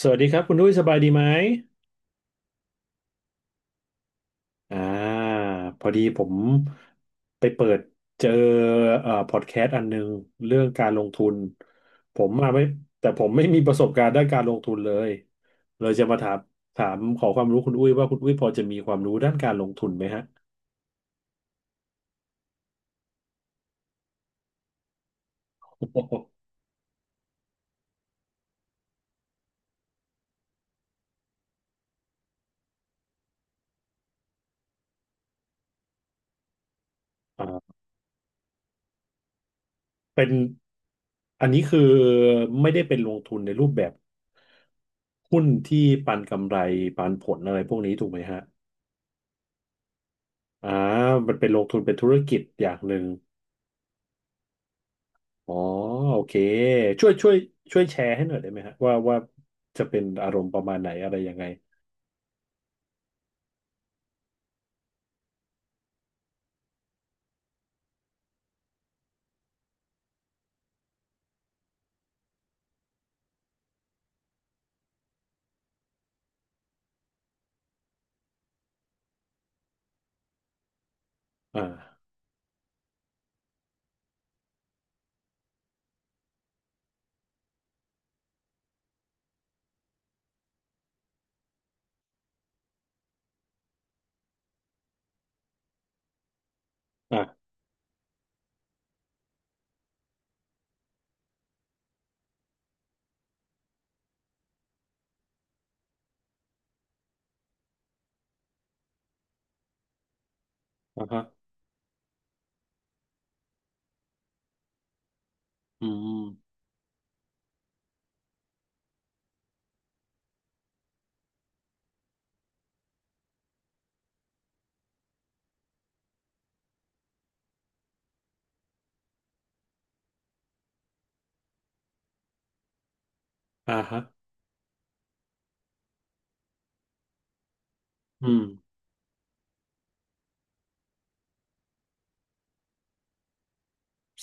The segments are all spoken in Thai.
สวัสดีครับคุณดุ้ยสบายดีไหมอ่าพอดีผมไปเปิดเจอพอดแคสต์อันหนึงเรื่องการลงทุนผมมาไม่แต่ผมไม่มีประสบการณ์ด้านการลงทุนเลยเลยจะมาถามขอความรู้คุณอุ้ยว่าคุณอุ้ยพอจะมีความรู้ด้านการลงทุนไหมฮะ อ่าเป็นอันนี้คือไม่ได้เป็นลงทุนในรูปแบบหุ้นที่ปันกำไรปันผลอะไรพวกนี้ถูกไหมฮะ อ่ามันเป็นลงทุนเป็นธุรกิจอย่างหนึ่งอ๋อโอเคช่วยช่วยช่วยแชร์ให้หน่อยได้ไหมฮะว่าจะเป็นอารมณ์ประมาณไหนอะไรยังไงอ่าอ่าอ่าฮะอืมอ่าฮะอืม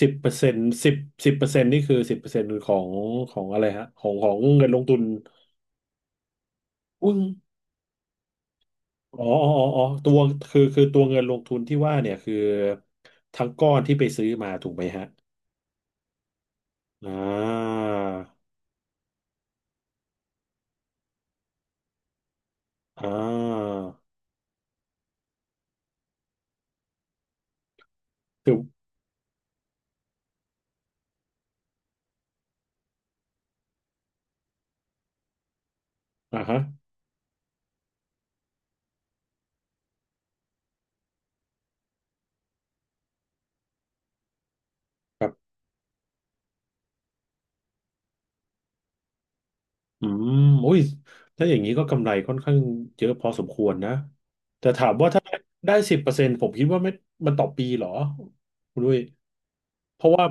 สิบเปอร์เซ็นต์สิบสิบเปอร์เซ็นต์นี่คือสิบเปอร์เซ็นต์ของอะไรฮะของเงินลงทุนอุ้งอ๋ออ๋ออ๋ออ๋อคือตัวเงินลงทุนที่ว่าเนี่ยคือทั้งก้อนที่ไปซื้อมาถูกไหมฮะอ่าอ่าคืออ่าฮะ อืมโอ้ยถ้าอย่างนี้ก็กำไรค่อนข้างเยอะพอสมควรนะแต่ถามว่าถ้าได้สิบเปอร์เซ็นต์ผมคิดว่าไม่มันต่อปีเหรอคุณด้วยเพราะว่า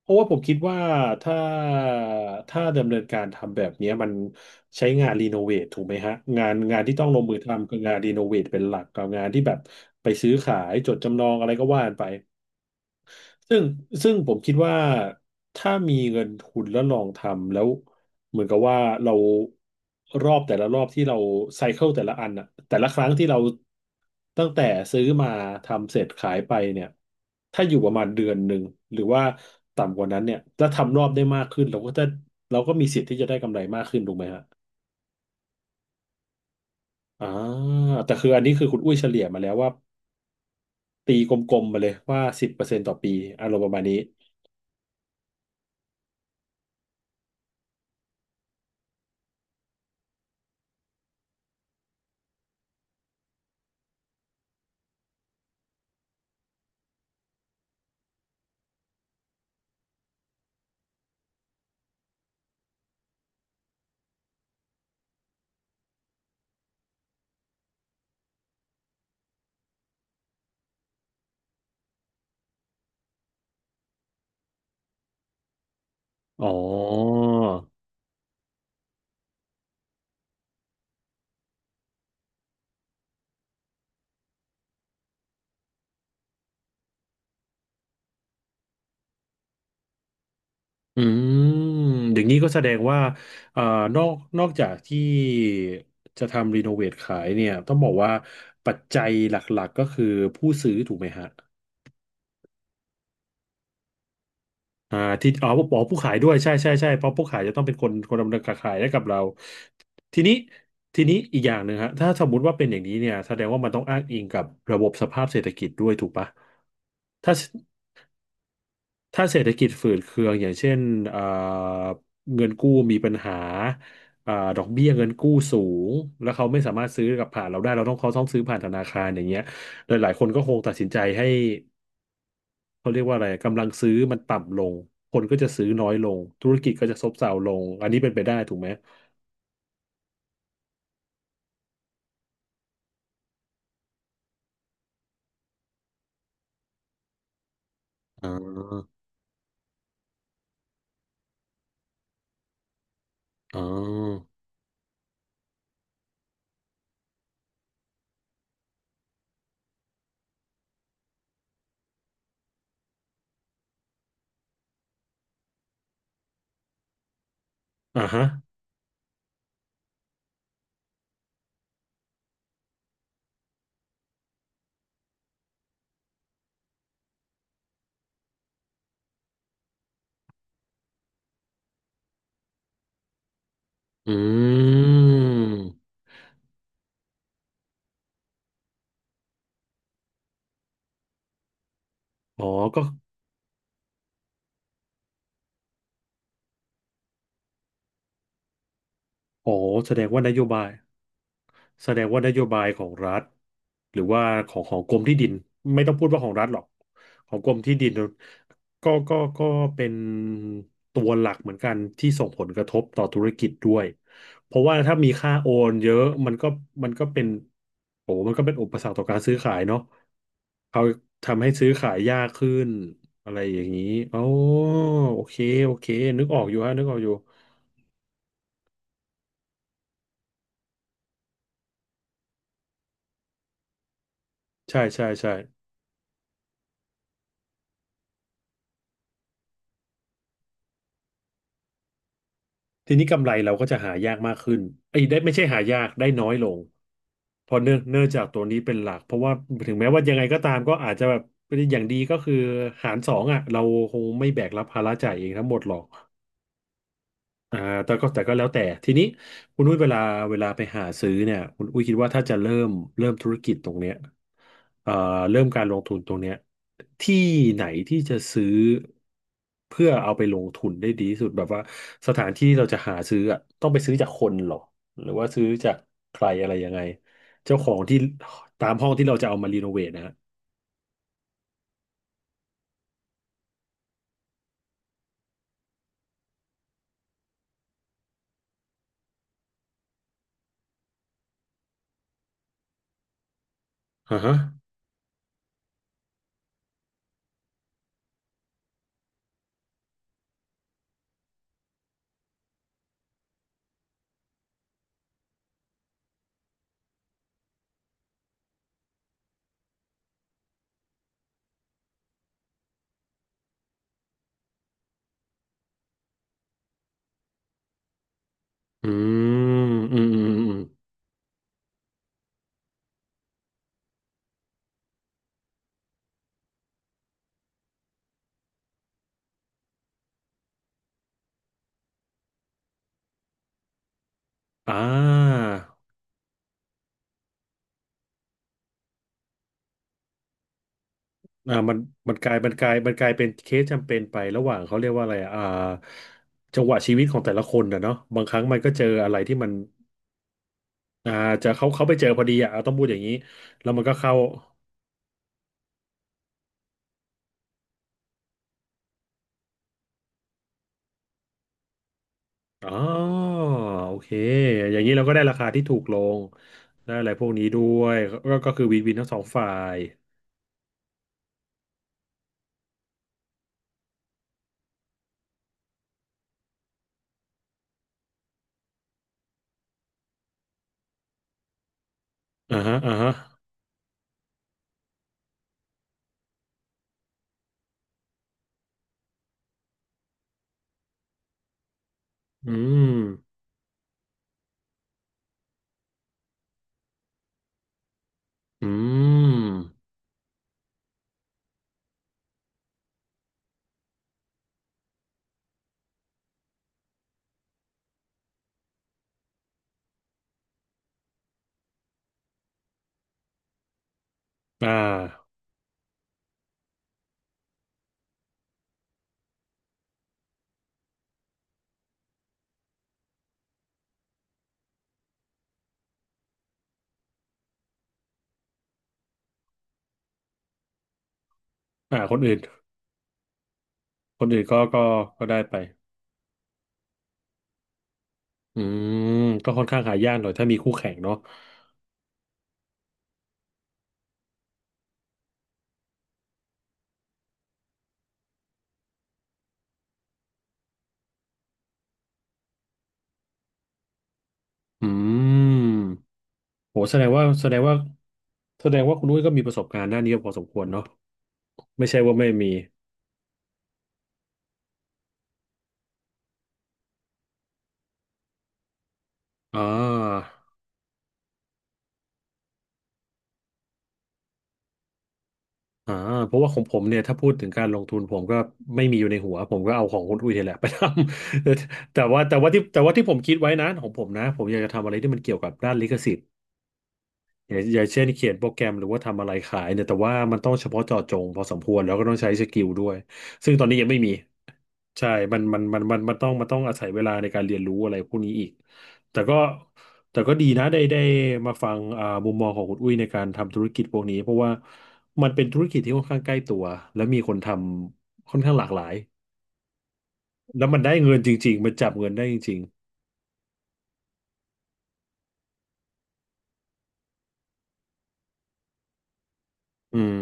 เพราะว่าผมคิดว่าถ้าถ้าดำเนินการทำแบบเนี้ยมันใช้งานรีโนเวทถูกไหมฮะงานที่ต้องลงมือทำคืองานรีโนเวทเป็นหลักกับงานที่แบบไปซื้อขายจดจำนองอะไรก็ว่ากันไป ซึ่งซึ่งผมคิดว่าถ้ามีเงินทุนแล้วลองทำแล้วเหมือนกับว่าเรารอบแต่ละรอบที่เราไซเคิลแต่ละอันอะแต่ละครั้งที่เราตั้งแต่ซื้อมาทำเสร็จขายไปเนี่ยถ้าอยู่ประมาณเดือนหนึ่งหรือว่าต่ำกว่านั้นเนี่ยถ้าทำรอบได้มากขึ้นเราก็มีสิทธิ์ที่จะได้กำไรมากขึ้นถูกไหมฮะอ่าแต่คืออันนี้คือคุณอุ้ยเฉลี่ยมาแล้วว่าตีกลมๆมาเลยว่าสิบเปอร์เซ็นต์ต่อปีอารมณ์ประมาณนี้อ๋อ อืมอย่างนี้ก็แสดงว่าเอ่อนอกนอกจากที่จะทำรีโนเวทขายเนี่ยต้องบอกว่าปัจจัยหลักๆก็คือผู้ซื้อถูกไหมฮะอ่าที่อ๋อผู้อ๋อผู้ขายด้วยใช่ใช่ใช่เพราะผู้ขายจะต้องเป็นคนดำเนินการขายให้กับเราทีนี้ทีนี้อีกอย่างหนึ่งฮะถ้าสมมุติว่าเป็นอย่างนี้เนี่ยแสดงว่ามันต้องอ้างอิงกับระบบสภาพเศรษฐกิจด้วยถูกปะถ้า ถ้าเศรษฐกิจฝืดเคืองอย่างเช่นเอ่อเงินกู้มีปัญหาดอกเบี้ยเงินกู้สูงแล้วเขาไม่สามารถซื้อกับผ่านเราได้เราต้องเขาต้องซื้อผ่านธนาคารอย่างเงี้ยหลายหลายคนก็คงตัดสินใจให้เขาเรียกว่าอะไรกำลังซื้อมันต่ำลงคนก็จะซื้อน้อยลงธุรกิจก็จะซบเซาลงอันนี้เป็นไปได้ถูกไหมอ๋ออ๋ออ่าฮะอืมอ๋อก็ อ๋อแสดงว่านโยบายแสดงว่านโยบายของรัฐหรือว่าของกรมที่ดินไม่ต้องพูดว่าของรัฐหรอกของกรมที่ดินก็เป็นตัวหลักเหมือนกันที่ส่งผลกระทบต่อธุรกิจด้วยเพราะว่าถ้ามีค่าโอนเยอะมันก็เป็นโอ้มันก็เป็นอุปสรรคต่อการซื้อขายเนาะเขาทำให้ซื้อขายยากขึ้นอะไรอย่างนี้อ๋อโอเคโอเคนึกออกอยู่ฮะนึกออกอยู่ใช่ใช่ใช่ ทีนี้กำไรเราก็จะหายากมากขึ้นไอ้ยได้ไม่ใช่หายากได้น้อยลง เพอเนื่องเนื่องจากตัวนี้เป็นหลัก เพราะว่าถึงแม้ว่ายังไงก็ตามก็อาจจะแบบอย่างดีก็คือหารสองอ่ะเราคงไม่แบกรับภาระจ่ายเองทั้งหมดหรอก อ่าแต่ก็แล้วแต่ทีนี้คุณอุ้ยเวลาไปหาซื้อเนี่ยคุณอุ้ยคิดว่าถ้าจะเริ่มธุรกิจตรงเนี้ยเอ่อเริ่มการลงทุนตรงเนี้ยที่ไหนที่จะซื้อเพื่อเอาไปลงทุนได้ดีที่สุดแบบว่าสถานที่เราจะหาซื้ออ่ะต้องไปซื้อจากคนเหรอหรือว่าซื้อจากใครอะไรยังไงเจ้าของที่ตามห้องที่เราจะเอามารีโนเวทนะฮะอ่าฮะอืมอืมอืมอืมอ่า มันมันกลายเป็นเคสจำเป็นไประหว่างเขาเรียกว่าอะไรอะจังหวะชีวิตของแต่ละคนนะเนาะบางครั้งมันก็เจออะไรที่มันอ่าจะเขาไปเจอพอดีอ่ะเอาต้องพูดอย่างนี้แล้วมันก็เข้าอ๋อโอเคอย่างนี้เราก็ได้ราคาที่ถูกลงได้อะไรพวกนี้ด้วยก็คือวินวินทั้งสองฝ่ายอ่าฮะอ่าฮะอืมอืมอ่าอ่าคนอื่นก็ก็ได้ไปอืมก็ค่อนข้างหายากหน่อยถ้ามีคู่แข่งเนาะ อืมโหแสดงว่าคุณนุ้ยก็มีประสบการณ์ด้านนี้พอสมควรเนาะไม่ใช่ว่าไม่มีอ่าอ่าเพราะว่าของผมเนี่ยถ้าพูดถึงการลงทุนผมก็ไม่มีอยู่ในหัวผมก็เอาของคุณอุ้ยนี่แหละไปทำ แต่ว่าที่ผมคิดไว้นะของผมนะผมอยากจะทำอะไรที่มันเกี่ยวกับด้านลิขสิทธิ์ อย่างเช่นเขียนโปรแกรมหรือว่าทำอะไรขายเนี่ยแต่ว่ามันต้องเฉพาะเจาะจงพอสมควรแล้วก็ต้องใช้สกิลด้วยซึ่งตอนนี้ยังไม่มีใช่มันต้องมันต้องอาศัยเวลาในการเรียนรู้อะไรพวกนี้อีกแต่ก็แต่ก็ดีนะได้มาฟังมุมมองของคุณอุ้ยในการทำธุรกิจพวกนี้เพราะว่ามันเป็นธุรกิจที่ค่อนข้างใกล้ตัวและมีคนทำค่อนข้างหลากหลายแล้วมันได้เงินจริงๆมันจับเงินได้จริงๆอืม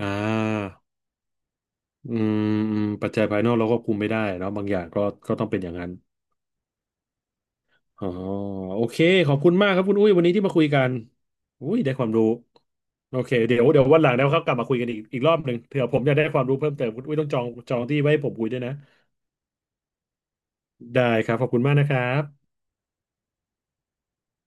อ่า อืมอืมปัจจัยภายนอกเราก็คุมไม่ได้เนาะบางอย่างก็ก็ต้องเป็นอย่างนั้นอ๋อโอเคขอบคุณมากครับคุณอุ้ยวันนี้ที่มาคุยกันอุ้ยได้ความรู้โอเคเดี๋ยวเดี๋ยววันหลังนะครับกลับมาคุยกันอีกรอบหนึ่งเผื่อผมอยากได้ความรู้เพิ่มเติมคุณอุ้ยต้องจองที่ไว้ให้ผมคุยด้วยนะได้ครับขอบคุณมากนะครับ